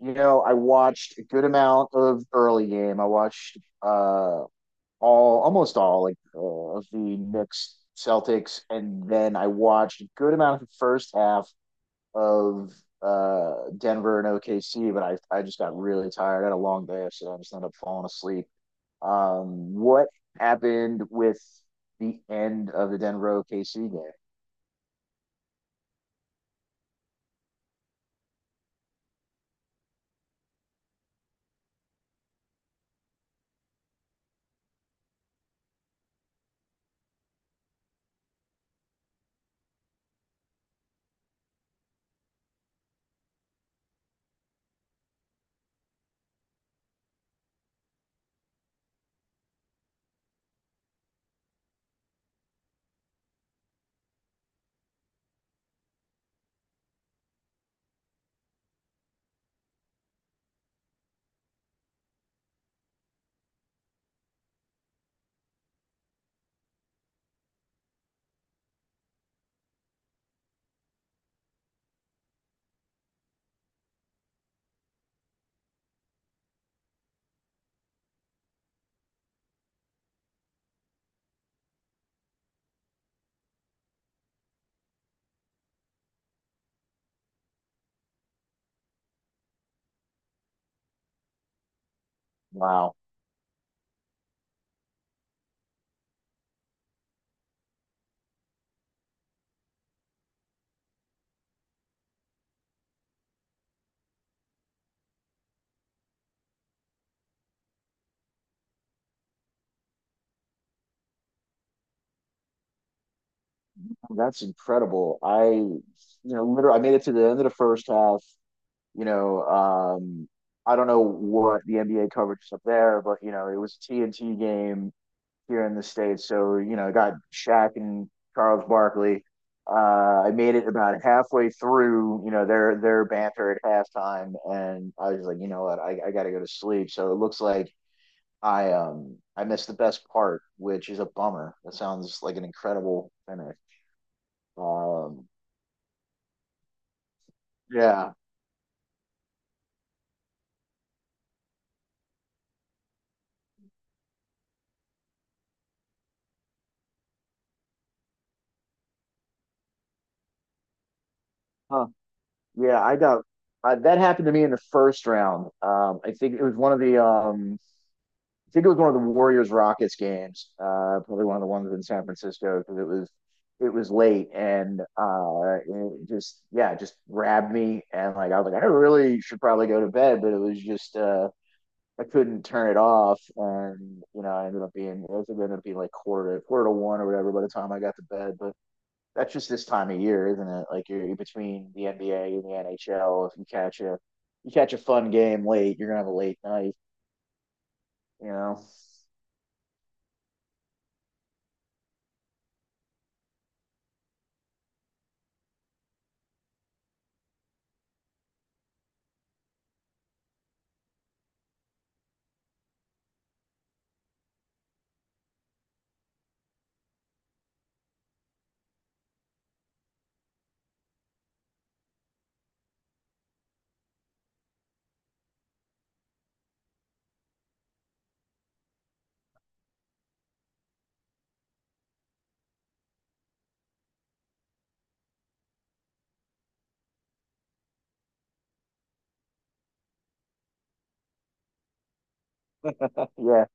I watched a good amount of early game. I watched uh all almost all, like, of the Knicks Celtics, and then I watched a good amount of the first half of Denver and OKC, but I just got really tired. I had a long day, so I just ended up falling asleep. What happened with the end of the Denver OKC game? Wow, that's incredible. I you know literally I made it to the end of the first half. You know, um, I don't know what the NBA coverage is up there, but it was a TNT game here in the States. So, I got Shaq and Charles Barkley. I made it about halfway through, their banter at halftime, and I was like, you know what, I gotta go to sleep. So it looks like I missed the best part, which is a bummer. That sounds like an incredible finish. Um, yeah. Huh. Yeah, I got that happened to me in the first round. I think it was one of the Warriors Rockets games. Probably one of the ones in San Francisco because it was late, and it just yeah, it just grabbed me, and, like, I was like I really should probably go to bed, but it was just I couldn't turn it off, and I ended up being it was ended up being like quarter to one or whatever by the time I got to bed, but that's just this time of year, isn't it? Like you're, between the NBA and the NHL. If you catch a fun game late, you're gonna have a late night. You know? Yeah,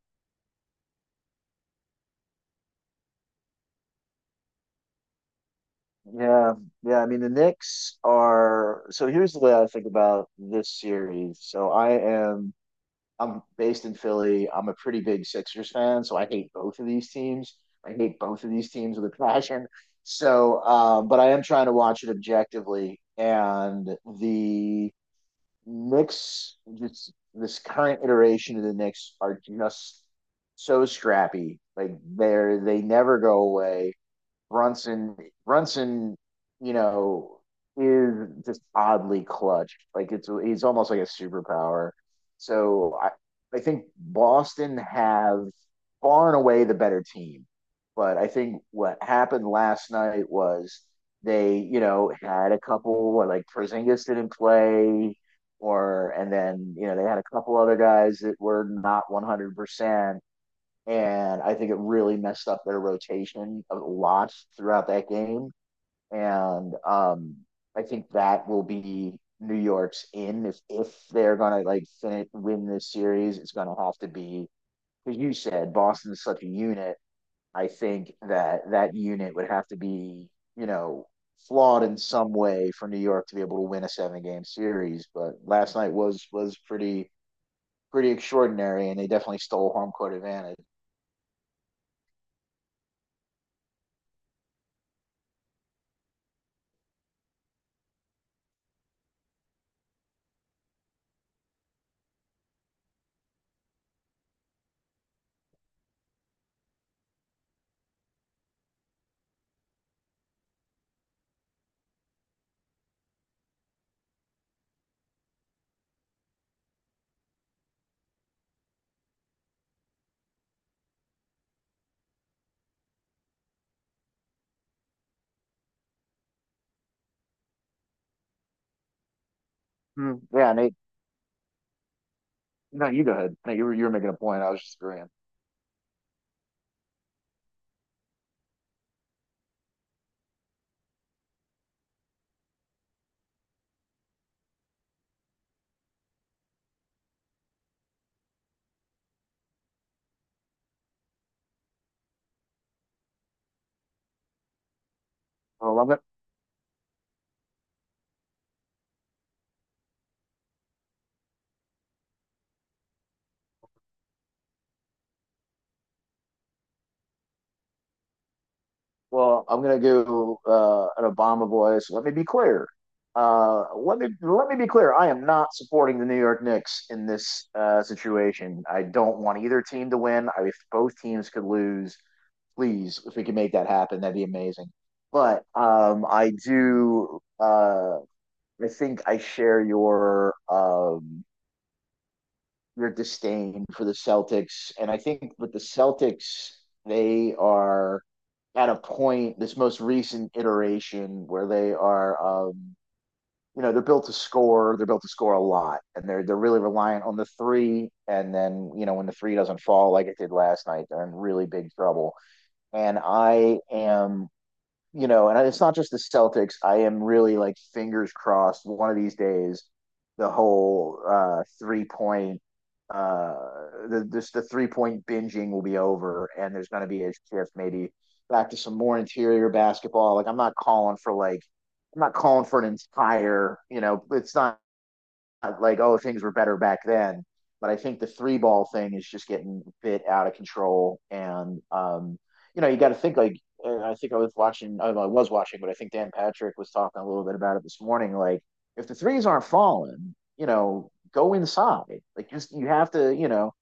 yeah, yeah. I mean, the Knicks are. So here's the way I think about this series. So I am. I'm based in Philly. I'm a pretty big Sixers fan, so I hate both of these teams. I hate both of these teams with a passion. So, but I am trying to watch it objectively, and the Knicks, just this current iteration of the Knicks, are just so scrappy. Like they never go away. Brunson Brunson, you know, is just oddly clutch. Like it's he's almost like a superpower. So I think Boston have far and away the better team. But I think what happened last night was they, had a couple, like, Porzingis didn't play, or and then they had a couple other guys that were not 100%, and I think it really messed up their rotation a lot throughout that game. And I think that will be New York's in. If they're gonna, like, win this series, it's gonna have to be because you said Boston is such a unit. I think that that unit would have to be you know flawed in some way for New York to be able to win a seven game series. But last night was pretty extraordinary, and they definitely stole home court advantage. Hmm. Yeah, and they... No, you go ahead. No, you were making a point. I was just agreeing. Well, I'm gonna well, I'm gonna go an Obama voice. Let me be clear. Let me be clear. I am not supporting the New York Knicks in this situation. I don't want either team to win. If both teams could lose, please, if we can make that happen, that'd be amazing. But I do. I think I share your disdain for the Celtics. And I think with the Celtics, they are at a point, this most recent iteration, where they're built to score. They're built to score a lot, and they're really reliant on the three. And then, when the three doesn't fall like it did last night, they're in really big trouble. And I am... and it's not just the Celtics. I am really, like, fingers crossed. One of these days, the whole three point, uh, the three point binging will be over, and there's going to be a shift, maybe, back to some more interior basketball. Like, I'm not calling for an entire, it's not like, oh, things were better back then, but I think the three ball thing is just getting a bit out of control, and you got to think, like, I think I was watching I, don't know, I was watching but I think Dan Patrick was talking a little bit about it this morning, like, if the threes aren't falling, go inside, like, just, you have to,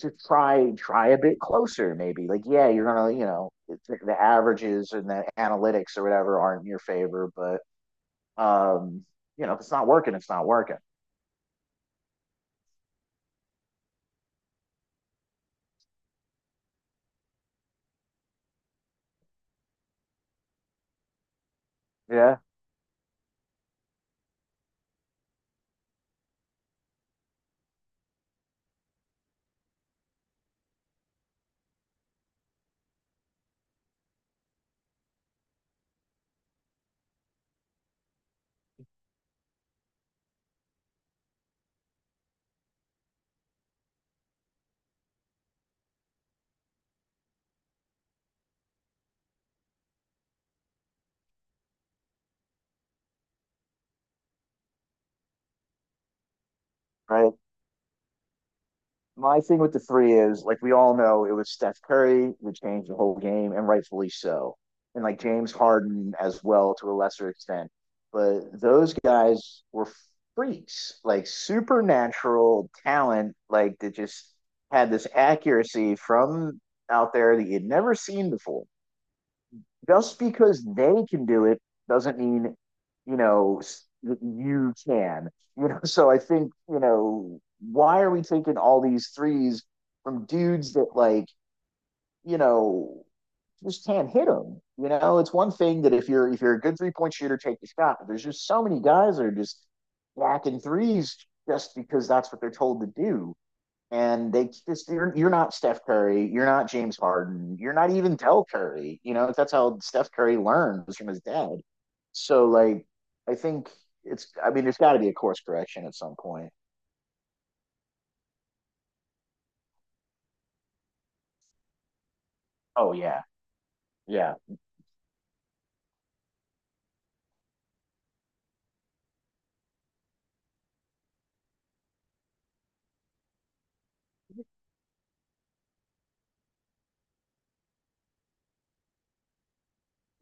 just try a bit closer, maybe, like, yeah, you're gonna, the averages and the analytics or whatever aren't in your favor, but um if it's not working, it's not working. Yeah, right? My thing with the three is, like, we all know it was Steph Curry who changed the whole game, and rightfully so, and, like, James Harden as well, to a lesser extent. But those guys were freaks, like supernatural talent, like that just had this accuracy from out there that you'd never seen before. Just because they can do it doesn't mean, you know that you can. So I think, why are we taking all these threes from dudes that, like, you know just can't hit them, you know? It's one thing that if you're a good three point shooter, take the shot. But there's just so many guys that are just whacking threes, just because that's what they're told to do, and you're not Steph Curry, you're not James Harden, you're not even Tell Curry. You know that's how Steph Curry learns from his dad. So, like, I think it's... I mean, there's got to be a course correction at some point. Oh yeah, yeah,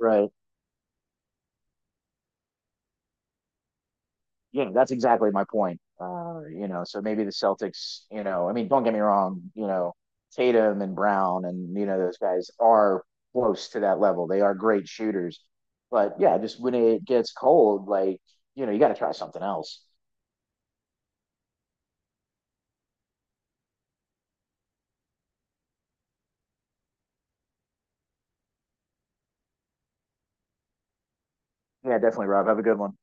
right. Yeah, that's exactly my point. So maybe the Celtics, I mean, don't get me wrong, Tatum and Brown and, those guys are close to that level. They are great shooters. But yeah, just when it gets cold, like, you got to try something else. Yeah, definitely, Rob. Have a good one.